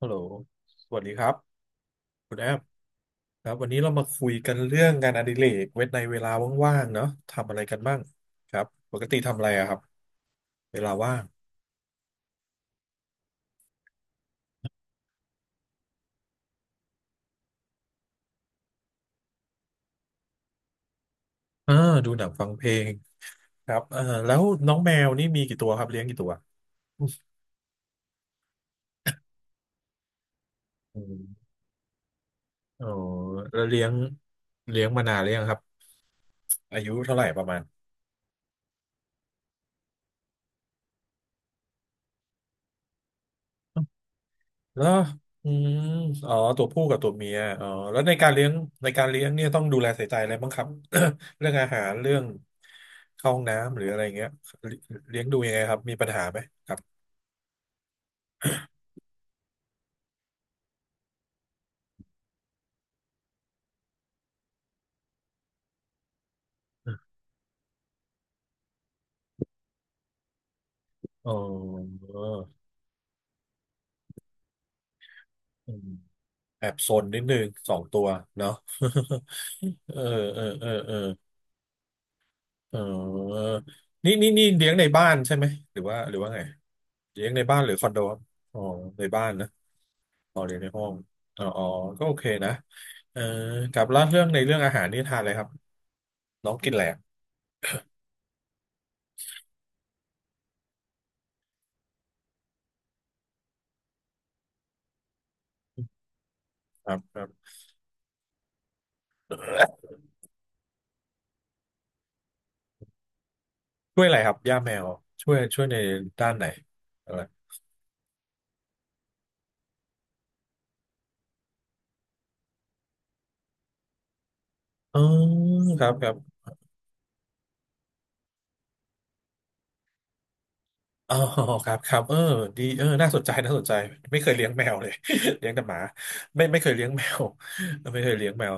ฮัลโหลสวัสดีครับคุณแอมครับวันนี้เรามาคุยกันเรื่องงานอดิเรกเวนในเวลาว่างๆเนาะทำอะไรกันบ้างครับปกติทำอะไรอะครับเวลาว่างอ่าดูหนังฟังเพลงครับแล้วน้องแมวนี่มีกี่ตัวครับเลี้ยงกี่ตัวอืมอ๋อแล้วเลี้ยงมานานหรือยังครับอายุเท่าไหร่ประมาณ แล้วอืมอ๋อตัวผู้กับตัวเมียอ๋อแล้วในการเลี้ยงในการเลี้ยงเนี่ยต้องดูแลใส่ใจอะไรบ้างครับ เรื่องอาหารเรื่องเข้าห้องน้ำหรืออะไรเงี้ยเลี้ยงดูยังไงครับมีปัญหาไหมอ๋ออืมแอบซนนิดนึงสองตัวเนาะ เออเออเออเออเออนี่นี่นี่เลี้ยงในบ้านใช่ไหมหรือว่าหรือว่าไงเลี้ยงในบ้านหรือคอนโดครับอ๋อในบ้านนะ อ๋อเรียนในห้องอ๋ออ๋อก็โอเคนะเออกับล่าเรื่องในเรื่องอาหารนี่ทานอะไรครับน้องกินอะไรอะครับครับ ช่วยอะไรครับ ย่าแมว ช่วยในด้านไหนอะไรอ๋อครับครับอ๋อครับครับเออดีเออน่าสนใจน่าสนใจไม่เคยเลี้ยงแมวเลย เลี้ยงแต่หมาไม่เคยเลี้ยงแมวไม่เคยเลี้ยงแมว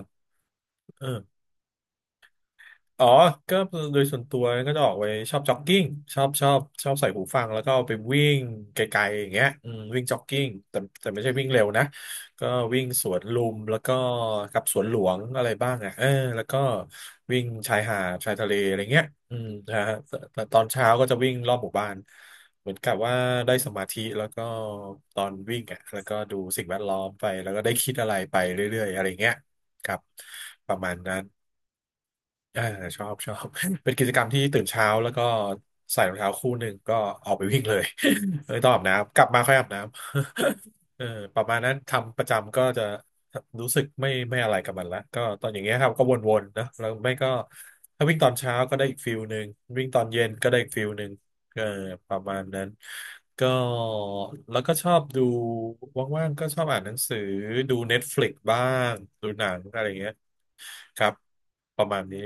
เออ อ๋อก็โดยส่วนตัวก็จะออกไปชอบจ็อกกิ้งชอบใส่หูฟังแล้วก็ไปวิ่งไกลๆอย่างเงี้ยอืมวิ่งจ็อกกิ้งแต่ไม่ใช่วิ่งเร็วนะก็วิ่งสวนลุมแล้วก็กับสวนหลวงอะไรบ้างอ่ะเออแล้วก็วิ่งชายหาดชายทะเลอะไรเงี้ยอืมนะฮะแต่ตอนเช้าก็จะวิ่งรอบหมู่บ้านเหมือนกับว่าได้สมาธิแล้วก็ตอนวิ่งอ่ะแล้วก็ดูสิ่งแวดล้อมไปแล้วก็ได้คิดอะไรไปเรื่อยๆอะไรเงี้ยครับประมาณนั้น อ่าชอบ เป็นกิจกรรมที่ตื่นเช้าแล้วก็ใส่รองเท้าคู่หนึ่งก็ออกไปวิ่งเลย ไม่ต้องอาบน้ำกลับมาค่อยอาบน้ำ เออประมาณนั้นทำประจำก็จะรู้สึกไม่อะไรกับมันละก็ตอนอย่างเงี้ยครับก็วนๆนะแล้วไม่ก็ถ้าวิ่งตอนเช้าก็ได้อีกฟิลหนึ่งวิ่งตอนเย็นก็ได้อีกฟิลหนึ่งเออประมาณนั้นก็แล้วก็ชอบดูว่างๆก็ชอบอ่านหนังสือดู Netflix บ้างดูหนังอะไรอย่างเงี้ยครับประมาณนี้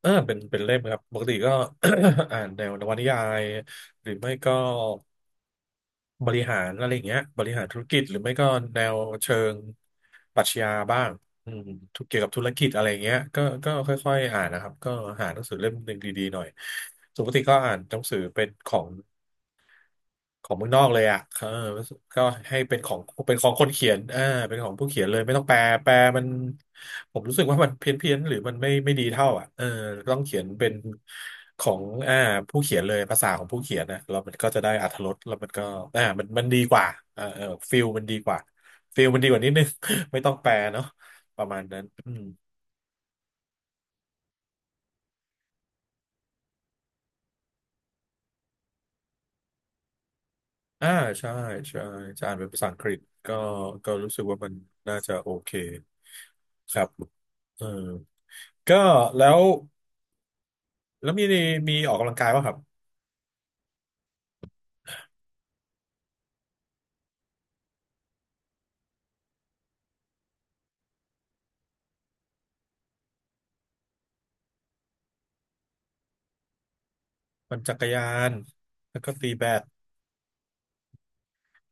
เออเป็นเล่มครับปกติก็ อ่านแนวนวนิยายหรือไม่ก็บริหารอะไรอย่างเงี้ยบริหารธุรกิจหรือไม่ก็แนวเชิงปรัชญาบ้างอืมทุกเกี่ยวกับธุรกิจอะไรอย่างเงี้ยก็ก็ค่อยๆอ่านนะครับก็หาหนังสือเล่มหนึ่งดีๆหน่อยส่วนปกติก็อ่านหนังสือเป็นของ ของเมืองนอกเลยอ่ะเออก็ให้เป็นของเป็นของคนเขียนเออเป็นของผู้เขียนเลยไม่ต้องแปลแปลมันผมรู้สึกว่ามันเพี้ยนเพียนหรือมันไม่ดีเท่าอ่ะเออต้องเขียนเป็นของอ่าผู้เขียนเลยภาษาของผู้เขียนนะแล้วมันก็จะได้อรรถรสแล้วมันก็อ่ามันดีกว่าเออเออฟิลมันดีกว่าฟิลมันดีกว่านิดนึง ไม่ต้องแปลเนาะประมาณนั้นอืมอ่าใช่ใช่จะอ่านเป็นภาษาอังกฤษก็ก็รู้สึกว่ามันน่าจะโอเคครับเออ ก็แล้วแล้วมีมีออกกำลังกายป่ะครับปั่นจักรยานแล้วก็ตีแบด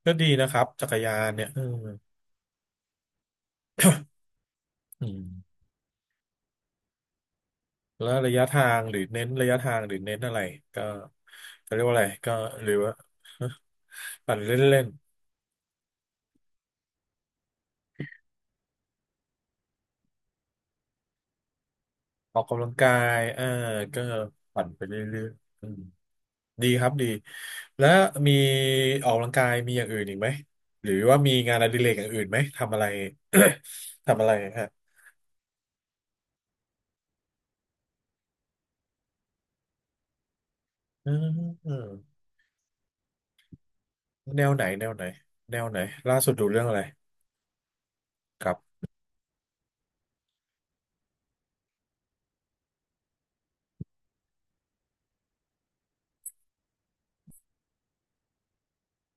ก็ดีนะครับจักรยานเนี่ยเอออืมแล้วระยะทางหรือเน้นระยะทางหรือเน้นอะไรก็จะเรียกว่าอะไรก็หรือว่า ปั่นเล่นๆออกกำลังกายเออก็ปั่นไปเรื่อยๆอืมดีครับดีแล้วมีออกกำลังกายมีอย่างอื่นอีกไหมหรือว่ามีงานอดิเรกอย่างอื่นไหมทำอะไร ทำอะไรฮะอืม แนวไหนแนวไหนแนวไหนล่าสุดดูเรื่องอะไรครับ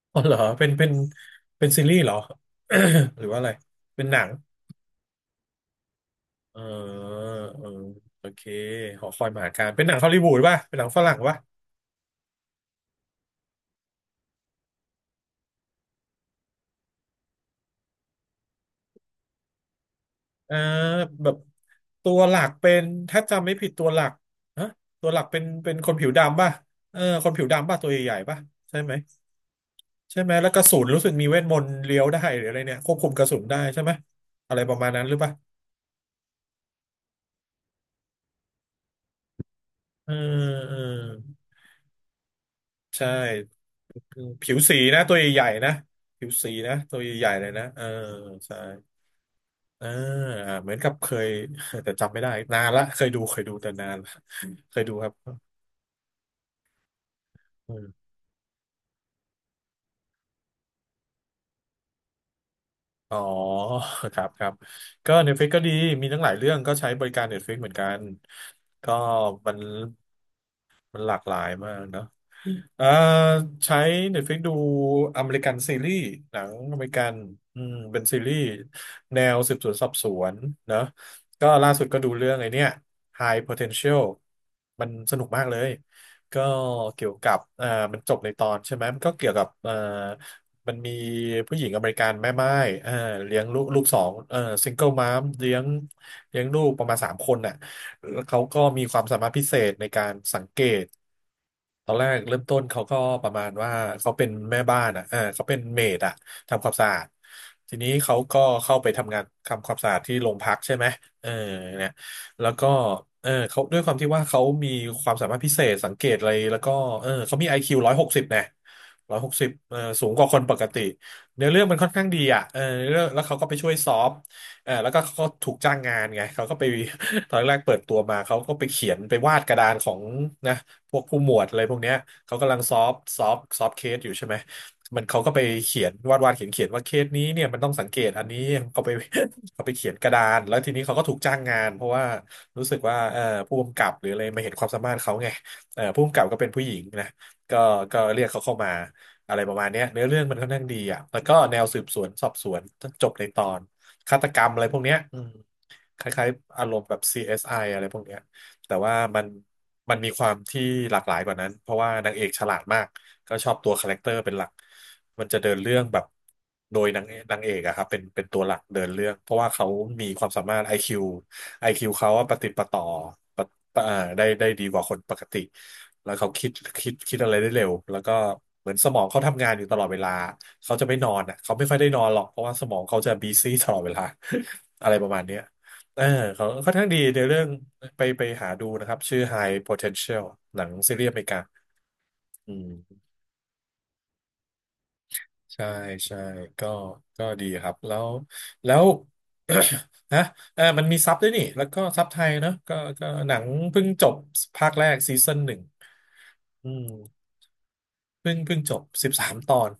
อ๋อเหรอเป็นซีรีส์เหรอ หรือว่าอะไรเป็นหนังเออเออโอเคหอคอยมหาการเป็นหนังฮอลลีวูดป่ะเป็นหนังฝรั่งป่ะเออแบบตัวหลักเป็นถ้าจำไม่ผิดตัวหลักฮะตัวหลักเป็นคนผิวดำป่ะเออคนผิวดำป่ะตัวใหญ่ๆป่ะใช่ไหมใช่ไหมแล้วกระสุนรู้สึกมีเวทมนต์เลี้ยวได้หรืออะไรเนี่ยควบคุมกระสุนได้ใช่ไหมอะไรประมาณนั้นหรือป่ะเออเออใช่ ผิวสีนะตัวใหญ่ๆนะผิวสีนะตัวใหญ่ๆเลยนะเออใช่เอออ่าเหมือนกับเคย แต่จำไม่ได้นานละเคยดูแต่นานละเคยดูครับอืมอ๋อครับก็ Netflix ก็ดีมีทั้งหลายเรื่องก็ใช้บริการ Netflix เหมือนกันก็มันมันหลากหลายมากเนอะ เอ่อใช้ Netflix ดูอเมริกันซีรีส์หนังอเมริกันอืมเป็นซีรีส์แนวสืบสวนสอบสวนเนอะก็ล่าสุดก็ดูเรื่องไอ้เนี่ย High Potential มันสนุกมากเลยก็เกี่ยวกับมันจบในตอนใช่ไหมมันก็เกี่ยวกับมันมีผู้หญิงอเมริกันแม่ไม้เอ่อเลี้ยงลูกสองซิงเกิลมามเลี้ยงเลี้ยงลูกประมาณสามคนน่ะ เขาก็มีความสามารถพิเศษในการสังเกตตอนแรกเริ่มต้นเขาก็ประมาณว่าเขาเป็นแม่บ้านอ่ะเออเขาเป็นเมดอะทำความสะอาดทีนี้เขาก็เข้าไปทำงานทำความสะอาดที่โรงพักใช่ไหมเออเนี่ยแล้วก็เออเขาด้วยความที่ว่าเขามีความสามารถพิเศษสังเกตอะไรแล้วก็เออเขามี IQ ร้อยหกสิบนะ160เออสูงกว่าคนปกติเนื้อเรื่องมันค่อนข้างดีอ่ะเออเนื้อเรื่องแล้วเขาก็ไปช่วยซอฟ เออแล้วก็เขาถูกจ้างงานไงเขาก็ไป ตอนแรกเปิดตัวมาเขาก็ไปเขียนไปวาดกระดานของนะพวกผู้หมวดอะไรพวกเนี้ยเขากำลังซอฟเคสอยู่ใช่ไหมมันเขาก็ไปเขียนวาดเขียนว่าเคสนี้เนี่ยมันต้องสังเกตอันนี้เขาไป เขาไปเขียนกระดานแล้วทีนี้เขาก็ถูกจ้างงานเพราะว่ารู้สึกว่าผู้กำกับหรืออะไรมาเห็นความสามารถเขาไงเอ่อผู้กำกับก็เป็นผู้หญิงนะก็ก็เรียกเขาเข้ามาอะไรประมาณเนี้ยเนื้อเรื่องมันค่อนข้างดีอ่ะแล้วก็แนวสืบสวนสอบสวนจบในตอน ฆาตกรรมอะไรพวกเนี้ยอืม คล้ายๆอารมณ์แบบ CSI อสไออะไรพวกเนี้ยแต่ว่ามันมีความที่หลากหลายกว่านั้น เพราะว่านางเอกฉลาดมาก ก็ชอบตัวคาแรคเตอร์เป็นหลัก มันจะเดินเรื่องแบบ โดยนางเอกอะครับเป็นตัวหลักเดินเรื่อง เพราะว่าเขามีความสามารถ IQ IQ เขาอะประติดประต่อปะปะอ่าได้ดีกว่าคนปกติ แล้วเขาคิดอะไรได้เร็ว แล้วก็เหมือนสมองเขาทำงานอยู่ตลอดเวลาเขาจะไม่นอนอ่ะเขาไม่ค่อยได้นอนหรอกเพราะว่าสมองเขาจะบีซี่ตลอดเวลา อะไรประมาณเนี้ย เออเขาค่อนข้างดีในเรื่องไปหาดูนะครับชื่อ High Potential หนังซีรีส์อเมริกาอืมใช่ใช่ก็ก็ดีครับแล้ว นะเออมันมีซับด้วยนี่แล้วก็ซับไทยเนอะก็หนังเพิ่งจบภาคแรกซีซั่นหนึ่งอืม เพิ่งจบ13 ตอน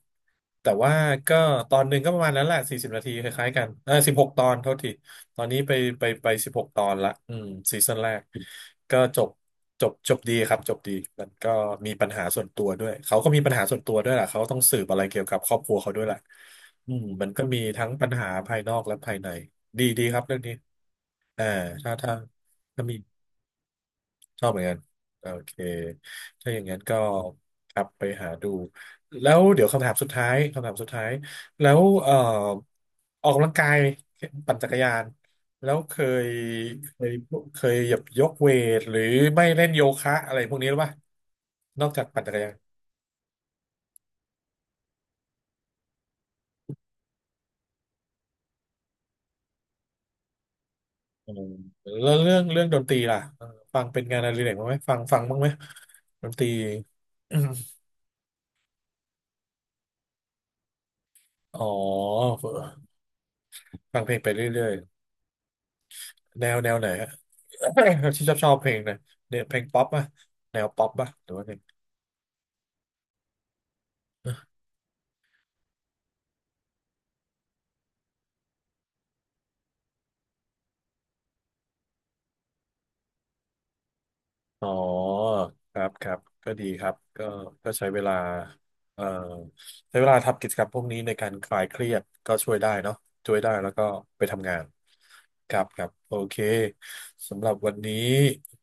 แต่ว่าก็ตอนหนึ่งก็ประมาณนั้นแหละ40 นาทีคล้ายๆกันเออสิบหกตอนเท่าทีตอนนี้ไปไปสิบหกตอนละอืมซีซั่นแรกก็จบดีครับจบดีมันก็มีปัญหาส่วนตัวด้วยเขาก็มีปัญหาส่วนตัวด้วยแหละเขาต้องสืบอะไรเกี่ยวกับครอบครัวเขาด้วยแหละอืมมันก็มีทั้งปัญหาภายนอกและภายในดีครับเรื่องนี้อ่าถ้าถ้าถ้ามี ชอบเหมือนกันโอเคถ้าอย่างนั้นก็กลับไปหาดูแล้วเดี๋ยวคำถามสุดท้ายแล้วเอ่อออกกำลังกายปั่นจักรยานแล้วยเคยเคยหยับยกเวทหรือไม่เล่นโยคะอะไรพวกนี้หรือเปล่านอกจากปั่นจักรยานอืมแล้วเรื่องดนตรีล่ะเออฟังเป็นงานอดิเรกบ้างไหมฟังบ้างไหมดนตรี อ๋อฟังเพลงไปเรื่อย แนวไหนฮะ ที่ชอบเพลงนะเนี่ยเพลงป๊อปป่ะแนวป๊อปป่ะหรือว่าไงอ๋อครับก็ดีครับก็ใช้เวลาเอ่อใช้เวลาทำกิจกรรมพวกนี้ในการคลายเครียดก็ช่วยได้เนาะช่วยได้แล้วก็ไปทำงานครับโอเคสำหรับวันนี้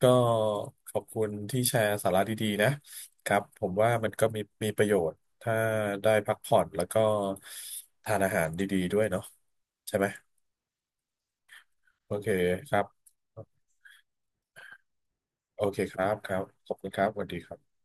ก็ขอบคุณที่แชร์สาระดีๆนะครับผมว่ามันก็มีประโยชน์ถ้าได้พักผ่อนแล้วก็ทานอาหารดีๆด้วยเนาะใช่ไหม โอเคครับ โอเคครับขอบคุณครับสวัสดีครับ